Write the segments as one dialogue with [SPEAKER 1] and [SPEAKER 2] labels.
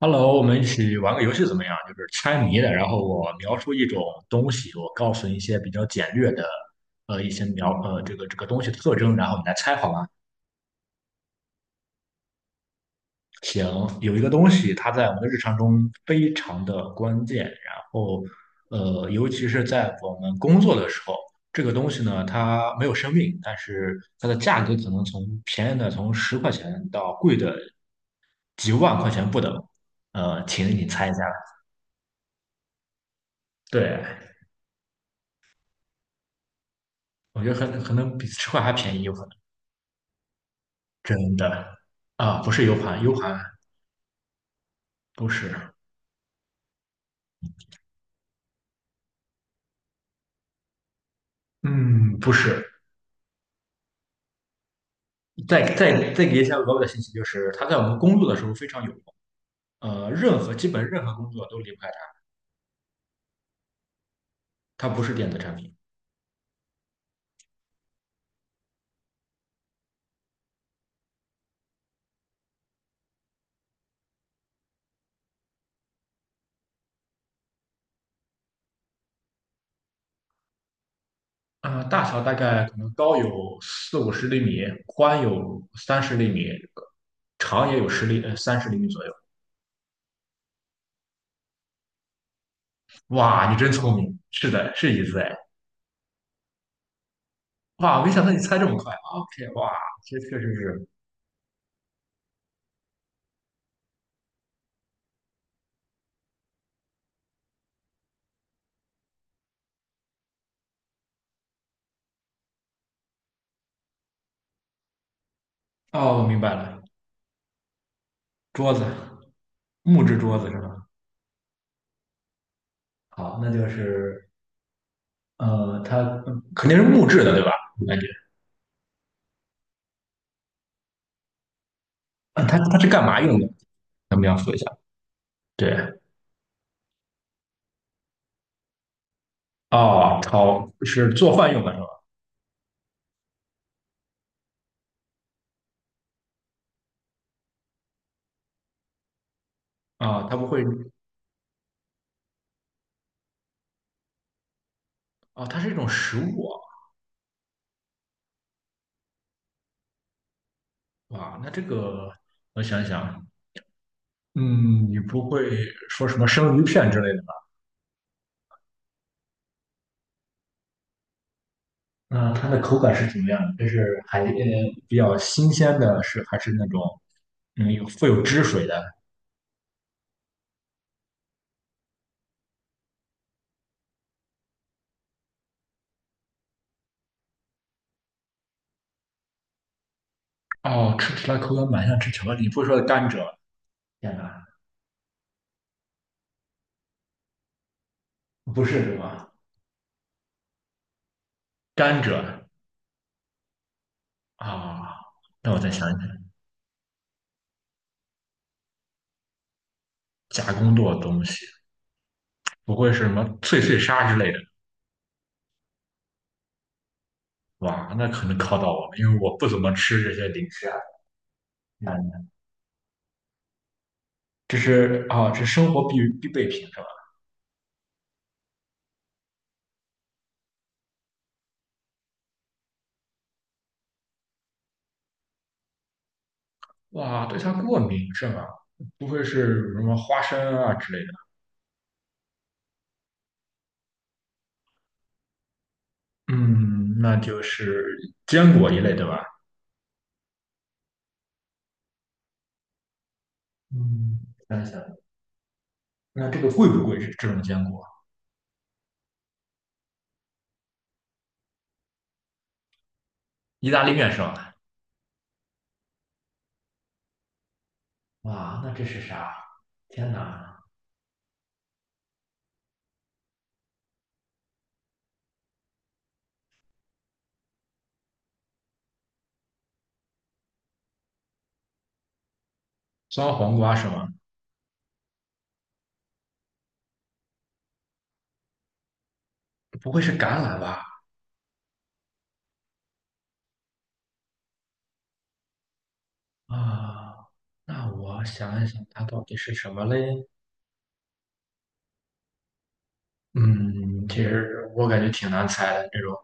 [SPEAKER 1] Hello,我们一起玩个游戏怎么样？就是猜谜的，然后我描述一种东西，我告诉你一些比较简略的，一些描这个东西的特征，然后你来猜好吗？行，有一个东西，它在我们的日常中非常的关键，然后尤其是在我们工作的时候，这个东西呢，它没有生命，但是它的价格可能从便宜的从10块钱到贵的几万块钱不等。请你猜一下。对，我觉得可能比吃块还便宜，有可能真的啊，不是 U 盘，U 盘不是，嗯，不是。再给一下额外的信息，就是它在我们工作的时候非常有用，任何基本任何工作都离不开它，它不是电子产品。啊，大小大概可能高有四五十厘米，宽有三十厘米，长也有三十厘米左右。哇，你真聪明，是的，是椅子哎。哇，没想到你猜这么快啊，OK,哇，这确实是。哦，我明白了，桌子。木质桌子是吧？好，那就是呃，它肯定是木质的，对吧？我感觉，啊它是干嘛用的？咱们描述一下。对，哦，炒是做饭用的是吧？啊、它不会，哦，它是一种食物啊。哇那这个我想想，嗯，你不会说什么生鱼片之类的吧？那它的口感是怎么样的？这是海呃比较新鲜的是，还是那种嗯有富有汁水的？哦，吃起来口感蛮像吃巧克力，不会说是甘蔗吧。天哪，不是什么甘蔗啊？那我再想一想，加工过的东西，不会是什么脆脆鲨之类的？哇，那可能考到我了，因为我不怎么吃这些零食啊。嗯这是啊，这生活必备品是吧？哇，对它过敏是吗？不会是什么花生啊之类的？嗯，那就是坚果一类对吧？嗯，想想，那这个贵不贵？这这种坚果，意大利面是吧？哇，那这是啥？天哪，酸黄瓜是吗？不会是橄榄吧？啊，那我想一想，它到底是什么嘞？嗯，其实我感觉挺难猜的，这种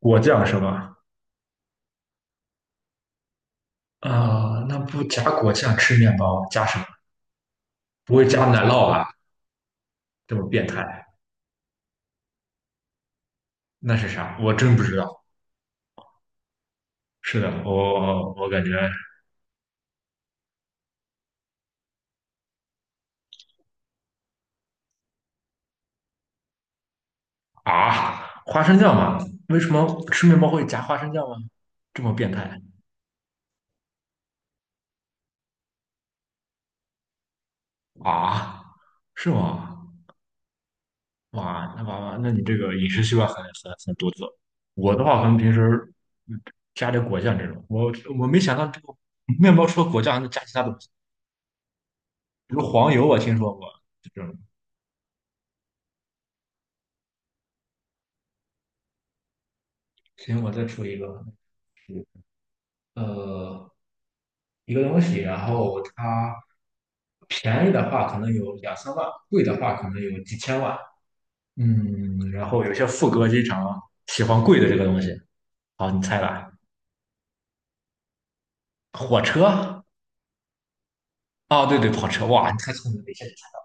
[SPEAKER 1] 果酱是吧？啊，那不加果酱吃面包，加什么？不会加奶酪吧？这么变态，那是啥？我真不知道。是的，我感觉啊，花生酱吗？为什么吃面包会加花生酱吗？这么变态啊？是吗？哇，那娃娃，那你这个饮食习惯很很独特。我的话，可能平时嗯加点果酱这种，我没想到这个面包除了果酱还能加其他东西，比如黄油，我听说过这种。行，我再出一个，呃，一个东西，然后它便宜的话可能有两三万，贵的话可能有几千万。嗯，然后有些副歌经常喜欢贵的这个东西。好，你猜吧，火车。啊，对对，跑车。哇，你太聪明了，一下就猜。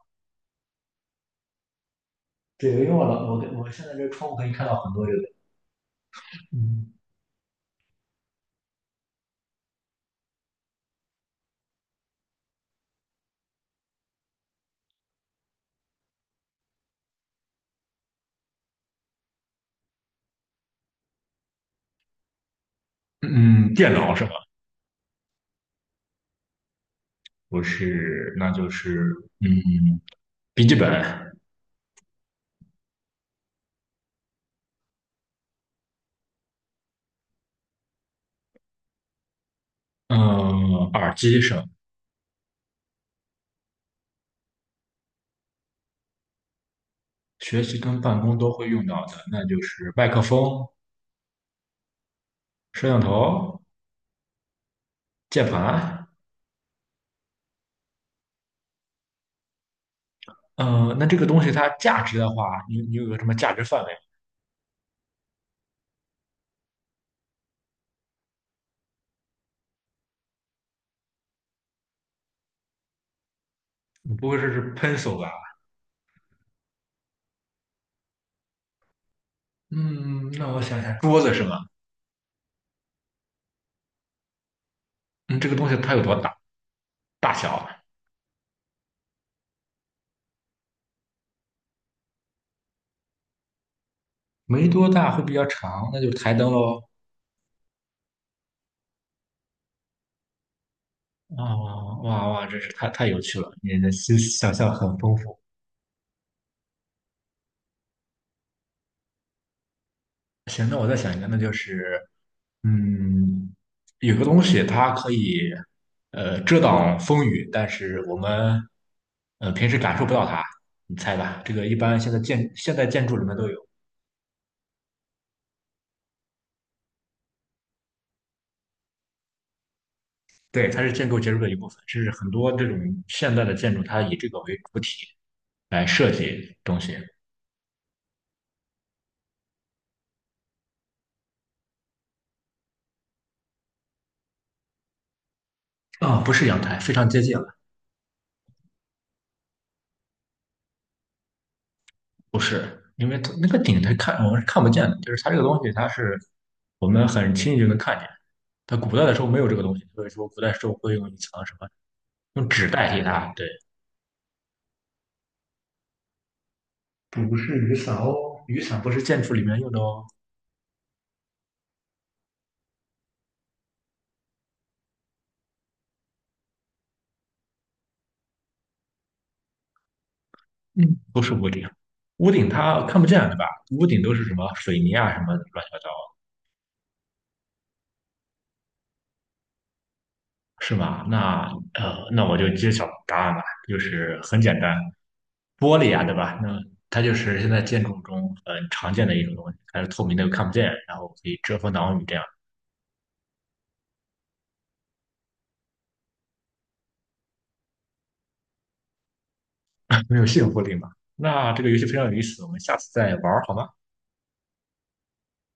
[SPEAKER 1] 对，因为我老我我现在这窗户可以看到很多这个，嗯，嗯，电脑是吧？不是，那就是，嗯，笔记本，嗯，耳机是吧学习跟办公都会用到的，那就是麦克风、摄像头、键盘。嗯，那这个东西它价值的话，你有个什么价值范围？你不会说是 pencil 吧？嗯，那我想想，桌子是吗？嗯，这个东西它有多大？大小？没多大，会比较长，那就台灯喽。哇哇哇哇，真是太有趣了！你的思想象很丰富。行，那我再想一个，那就是，嗯，有个东西它可以，遮挡风雨，但是我们，平时感受不到它。你猜吧，这个一般现在现代建筑里面都有，对，它是建筑结构的一部分，甚至很多这种现代的建筑，它以这个为主体来设计东西。啊、不是阳台，非常接近。不是，因为它那个顶它看我们是看不见的，就是它这个东西，它是我们很轻易就能看见。它古代的时候没有这个东西，所以说古代时候会用一层什么，用纸代替它。对，不是雨伞哦，雨伞不是建筑里面用的哦，嗯，不是屋顶，屋顶它看不见对吧？屋顶都是什么水泥啊什么乱七八糟，是吗？那呃，那我就揭晓答案吧，就是很简单，玻璃啊，对吧？那它就是现在建筑中很常见的一种东西，它是透明的，又看不见，然后可以遮风挡雨，这样 没有信服力嘛。那这个游戏非常有意思，我们下次再玩儿好吗？